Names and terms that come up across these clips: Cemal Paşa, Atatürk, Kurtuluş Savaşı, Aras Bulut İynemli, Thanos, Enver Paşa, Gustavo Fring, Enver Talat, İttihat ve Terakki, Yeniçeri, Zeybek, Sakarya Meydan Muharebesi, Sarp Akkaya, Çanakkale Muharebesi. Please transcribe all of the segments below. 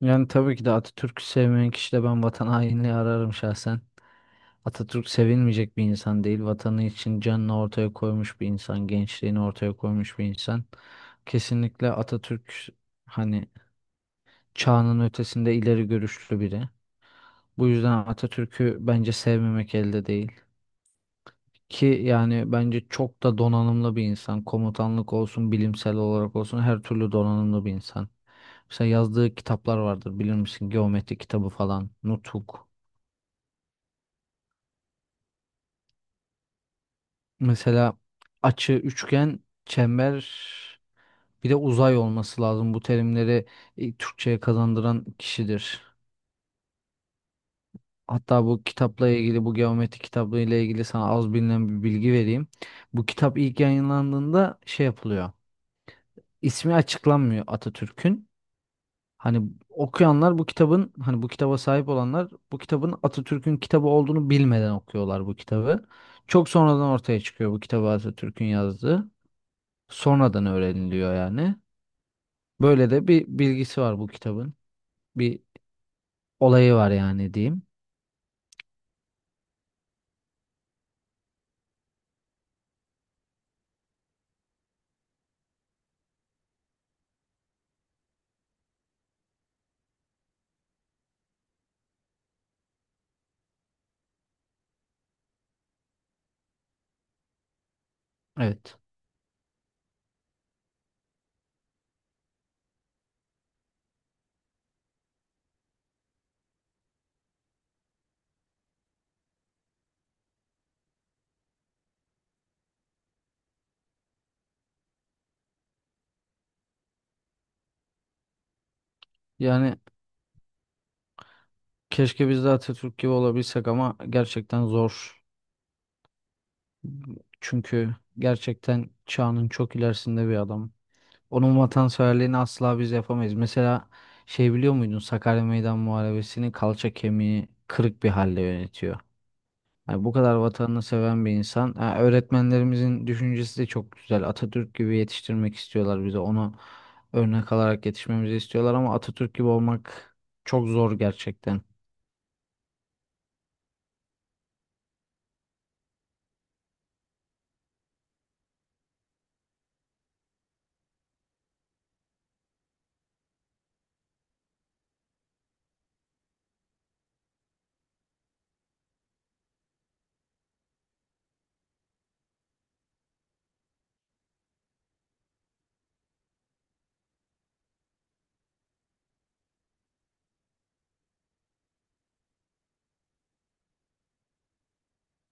Yani tabii ki de Atatürk'ü sevmeyen kişi de ben vatan hainliği ararım şahsen. Atatürk sevilmeyecek bir insan değil. Vatanı için canını ortaya koymuş bir insan, gençliğini ortaya koymuş bir insan. Kesinlikle Atatürk hani çağının ötesinde ileri görüşlü biri. Bu yüzden Atatürk'ü bence sevmemek elde değil. Ki yani bence çok da donanımlı bir insan. Komutanlık olsun, bilimsel olarak olsun her türlü donanımlı bir insan. Mesela yazdığı kitaplar vardır bilir misin? Geometri kitabı falan, Nutuk. Mesela açı, üçgen, çember bir de uzay olması lazım. Bu terimleri Türkçe'ye kazandıran kişidir. Hatta bu kitapla ilgili, bu geometri kitabı ile ilgili sana az bilinen bir bilgi vereyim. Bu kitap ilk yayınlandığında şey yapılıyor. İsmi açıklanmıyor Atatürk'ün. Hani okuyanlar bu kitabın, hani bu kitaba sahip olanlar bu kitabın Atatürk'ün kitabı olduğunu bilmeden okuyorlar bu kitabı. Çok sonradan ortaya çıkıyor bu kitabı Atatürk'ün yazdığı. Sonradan öğreniliyor yani. Böyle de bir bilgisi var bu kitabın. Bir olayı var yani diyeyim. Evet. Yani keşke biz de Atatürk gibi olabilsek ama gerçekten zor. Çünkü gerçekten çağının çok ilerisinde bir adam. Onun vatanseverliğini asla biz yapamayız. Mesela şey biliyor muydun Sakarya Meydan Muharebesi'ni kalça kemiği kırık bir halde yönetiyor. Yani bu kadar vatanını seven bir insan. Ha, öğretmenlerimizin düşüncesi de çok güzel. Atatürk gibi yetiştirmek istiyorlar bize. Onu örnek alarak yetişmemizi istiyorlar ama Atatürk gibi olmak çok zor gerçekten.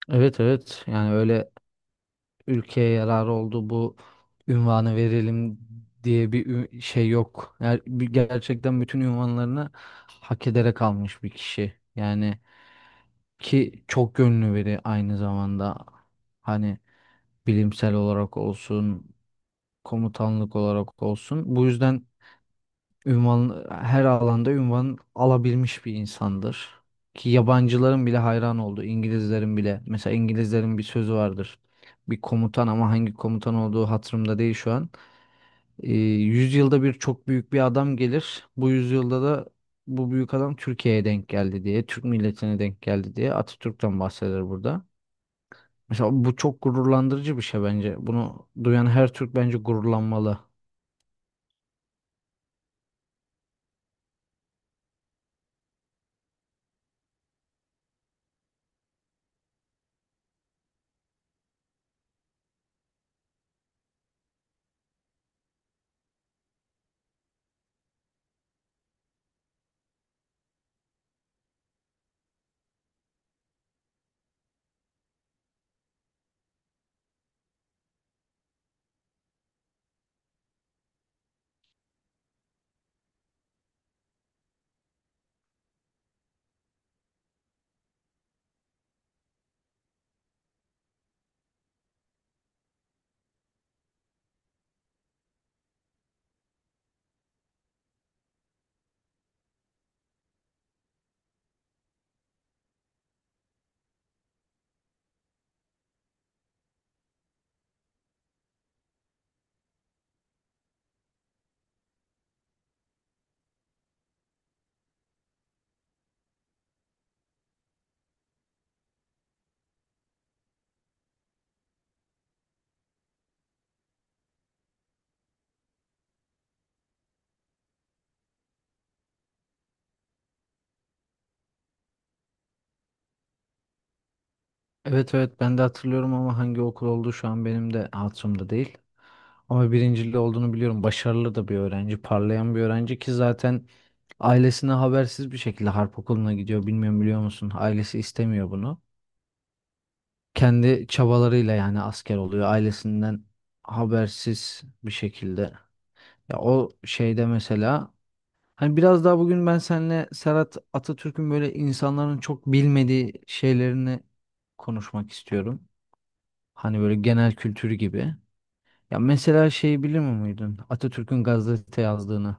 Evet, evet. Yani öyle ülkeye yararı oldu bu ünvanı verelim diye bir şey yok. Yani gerçekten bütün ünvanlarını hak ederek almış bir kişi. Yani ki çok gönlü biri aynı zamanda. Hani bilimsel olarak olsun, komutanlık olarak olsun. Bu yüzden ünvan her alanda ünvan alabilmiş bir insandır. Ki yabancıların bile hayran oldu. İngilizlerin bile. Mesela İngilizlerin bir sözü vardır. Bir komutan ama hangi komutan olduğu hatırımda değil şu an. Yüzyılda bir çok büyük bir adam gelir. Bu yüzyılda da bu büyük adam Türkiye'ye denk geldi diye, Türk milletine denk geldi diye Atatürk'ten bahseder burada. Mesela bu çok gururlandırıcı bir şey bence. Bunu duyan her Türk bence gururlanmalı. Evet, evet, ben de hatırlıyorum ama hangi okul olduğu şu an benim de hatırımda değil. Ama birincili olduğunu biliyorum. Başarılı da bir öğrenci, parlayan bir öğrenci ki zaten ailesine habersiz bir şekilde harp okuluna gidiyor. Bilmiyorum, biliyor musun? Ailesi istemiyor bunu. Kendi çabalarıyla yani asker oluyor. Ailesinden habersiz bir şekilde. Ya o şeyde mesela hani biraz daha bugün ben seninle Serhat Atatürk'ün böyle insanların çok bilmediği şeylerini konuşmak istiyorum. Hani böyle genel kültür gibi. Ya mesela şeyi bilir miydin Atatürk'ün gazete yazdığını.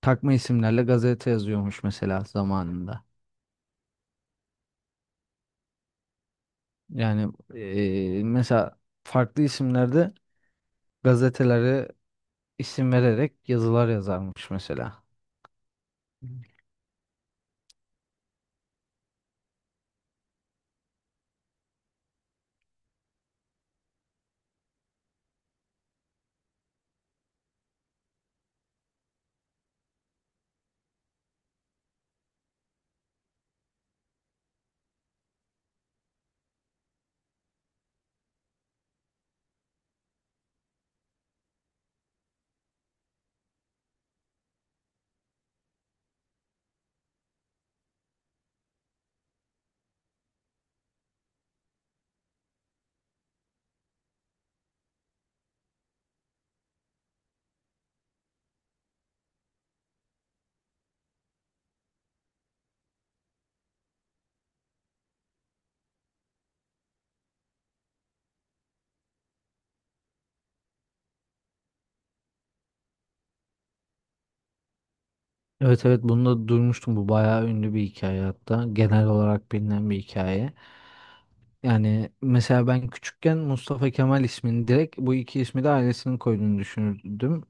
Takma isimlerle gazete yazıyormuş mesela zamanında. Yani mesela farklı isimlerde gazetelere isim vererek yazılar yazarmış mesela. Evet, evet, bunu da duymuştum. Bu bayağı ünlü bir hikaye hatta. Genel olarak bilinen bir hikaye. Yani mesela ben küçükken Mustafa Kemal ismini direkt bu iki ismi de ailesinin koyduğunu düşünürdüm.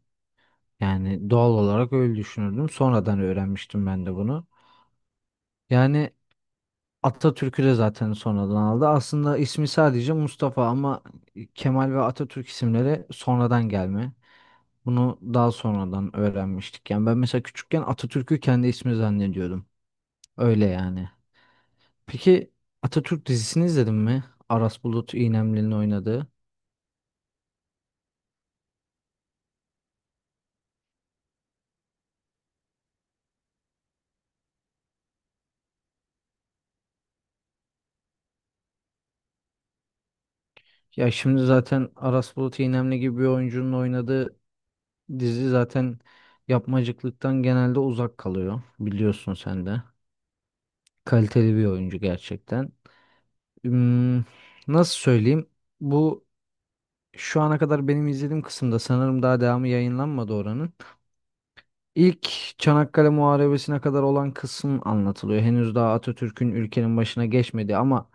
Yani doğal olarak öyle düşünürdüm. Sonradan öğrenmiştim ben de bunu. Yani Atatürk'ü de zaten sonradan aldı. Aslında ismi sadece Mustafa ama Kemal ve Atatürk isimleri sonradan gelme. Bunu daha sonradan öğrenmiştik. Yani ben mesela küçükken Atatürk'ü kendi ismi zannediyordum. Öyle yani. Peki Atatürk dizisini izledin mi? Aras Bulut İynemli'nin oynadığı. Ya şimdi zaten Aras Bulut İynemli gibi bir oyuncunun oynadığı dizi zaten yapmacıklıktan genelde uzak kalıyor. Biliyorsun sen de. Kaliteli bir oyuncu gerçekten. Hmm, nasıl söyleyeyim? Bu şu ana kadar benim izlediğim kısımda sanırım daha devamı yayınlanmadı oranın. İlk Çanakkale Muharebesi'ne kadar olan kısım anlatılıyor. Henüz daha Atatürk'ün ülkenin başına geçmedi ama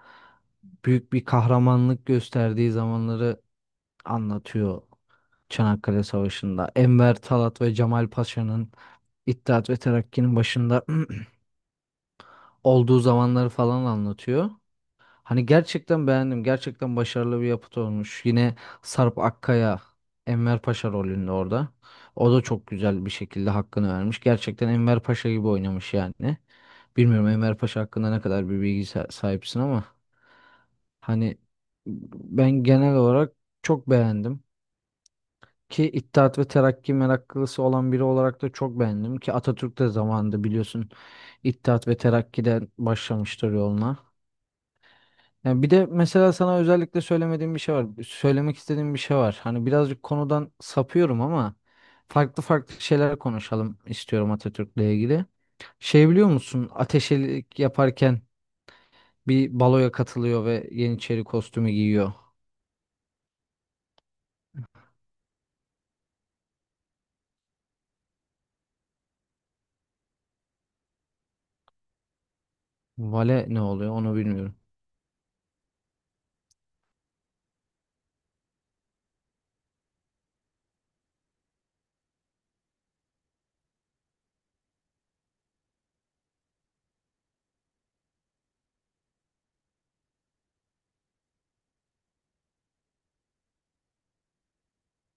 büyük bir kahramanlık gösterdiği zamanları anlatıyor. Çanakkale Savaşı'nda Enver Talat ve Cemal Paşa'nın İttihat ve Terakki'nin başında olduğu zamanları falan anlatıyor. Hani gerçekten beğendim. Gerçekten başarılı bir yapıt olmuş. Yine Sarp Akkaya Enver Paşa rolünde orada. O da çok güzel bir şekilde hakkını vermiş. Gerçekten Enver Paşa gibi oynamış yani. Bilmiyorum Enver Paşa hakkında ne kadar bir bilgi sahipsin ama hani ben genel olarak çok beğendim. Ki İttihat ve Terakki meraklısı olan biri olarak da çok beğendim. Ki Atatürk de zamanında biliyorsun İttihat ve Terakki'den başlamıştır yoluna. Yani bir de mesela sana özellikle söylemediğim bir şey var. Söylemek istediğim bir şey var. Hani birazcık konudan sapıyorum ama farklı farklı şeyler konuşalım istiyorum Atatürk'le ilgili. Şey biliyor musun? Ateşelik yaparken bir baloya katılıyor ve Yeniçeri kostümü giyiyor. Vale ne oluyor onu bilmiyorum.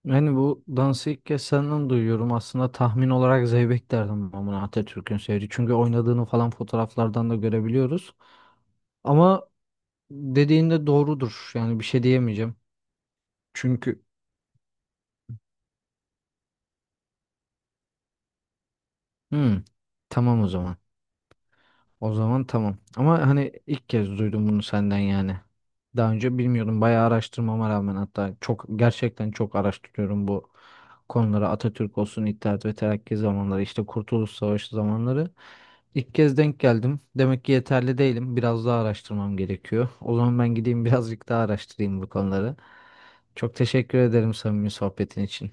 Yani bu dansı ilk kez senden duyuyorum. Aslında tahmin olarak Zeybek derdim ben buna Atatürk'ün sevdiği. Çünkü oynadığını falan fotoğraflardan da görebiliyoruz. Ama dediğin de doğrudur. Yani bir şey diyemeyeceğim. Çünkü Hmm, tamam o zaman. O zaman tamam. Ama hani ilk kez duydum bunu senden yani. Daha önce bilmiyordum. Bayağı araştırmama rağmen hatta çok gerçekten çok araştırıyorum bu konuları. Atatürk olsun, İttihat ve Terakki zamanları, işte Kurtuluş Savaşı zamanları. İlk kez denk geldim. Demek ki yeterli değilim. Biraz daha araştırmam gerekiyor. O zaman ben gideyim birazcık daha araştırayım bu konuları. Çok teşekkür ederim samimi sohbetin için.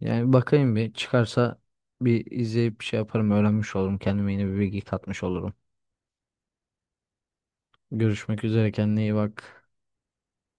Yani bakayım bir çıkarsa bir izleyip bir şey yaparım, öğrenmiş olurum. Kendime yeni bir bilgi katmış olurum. Görüşmek üzere, kendine iyi bak.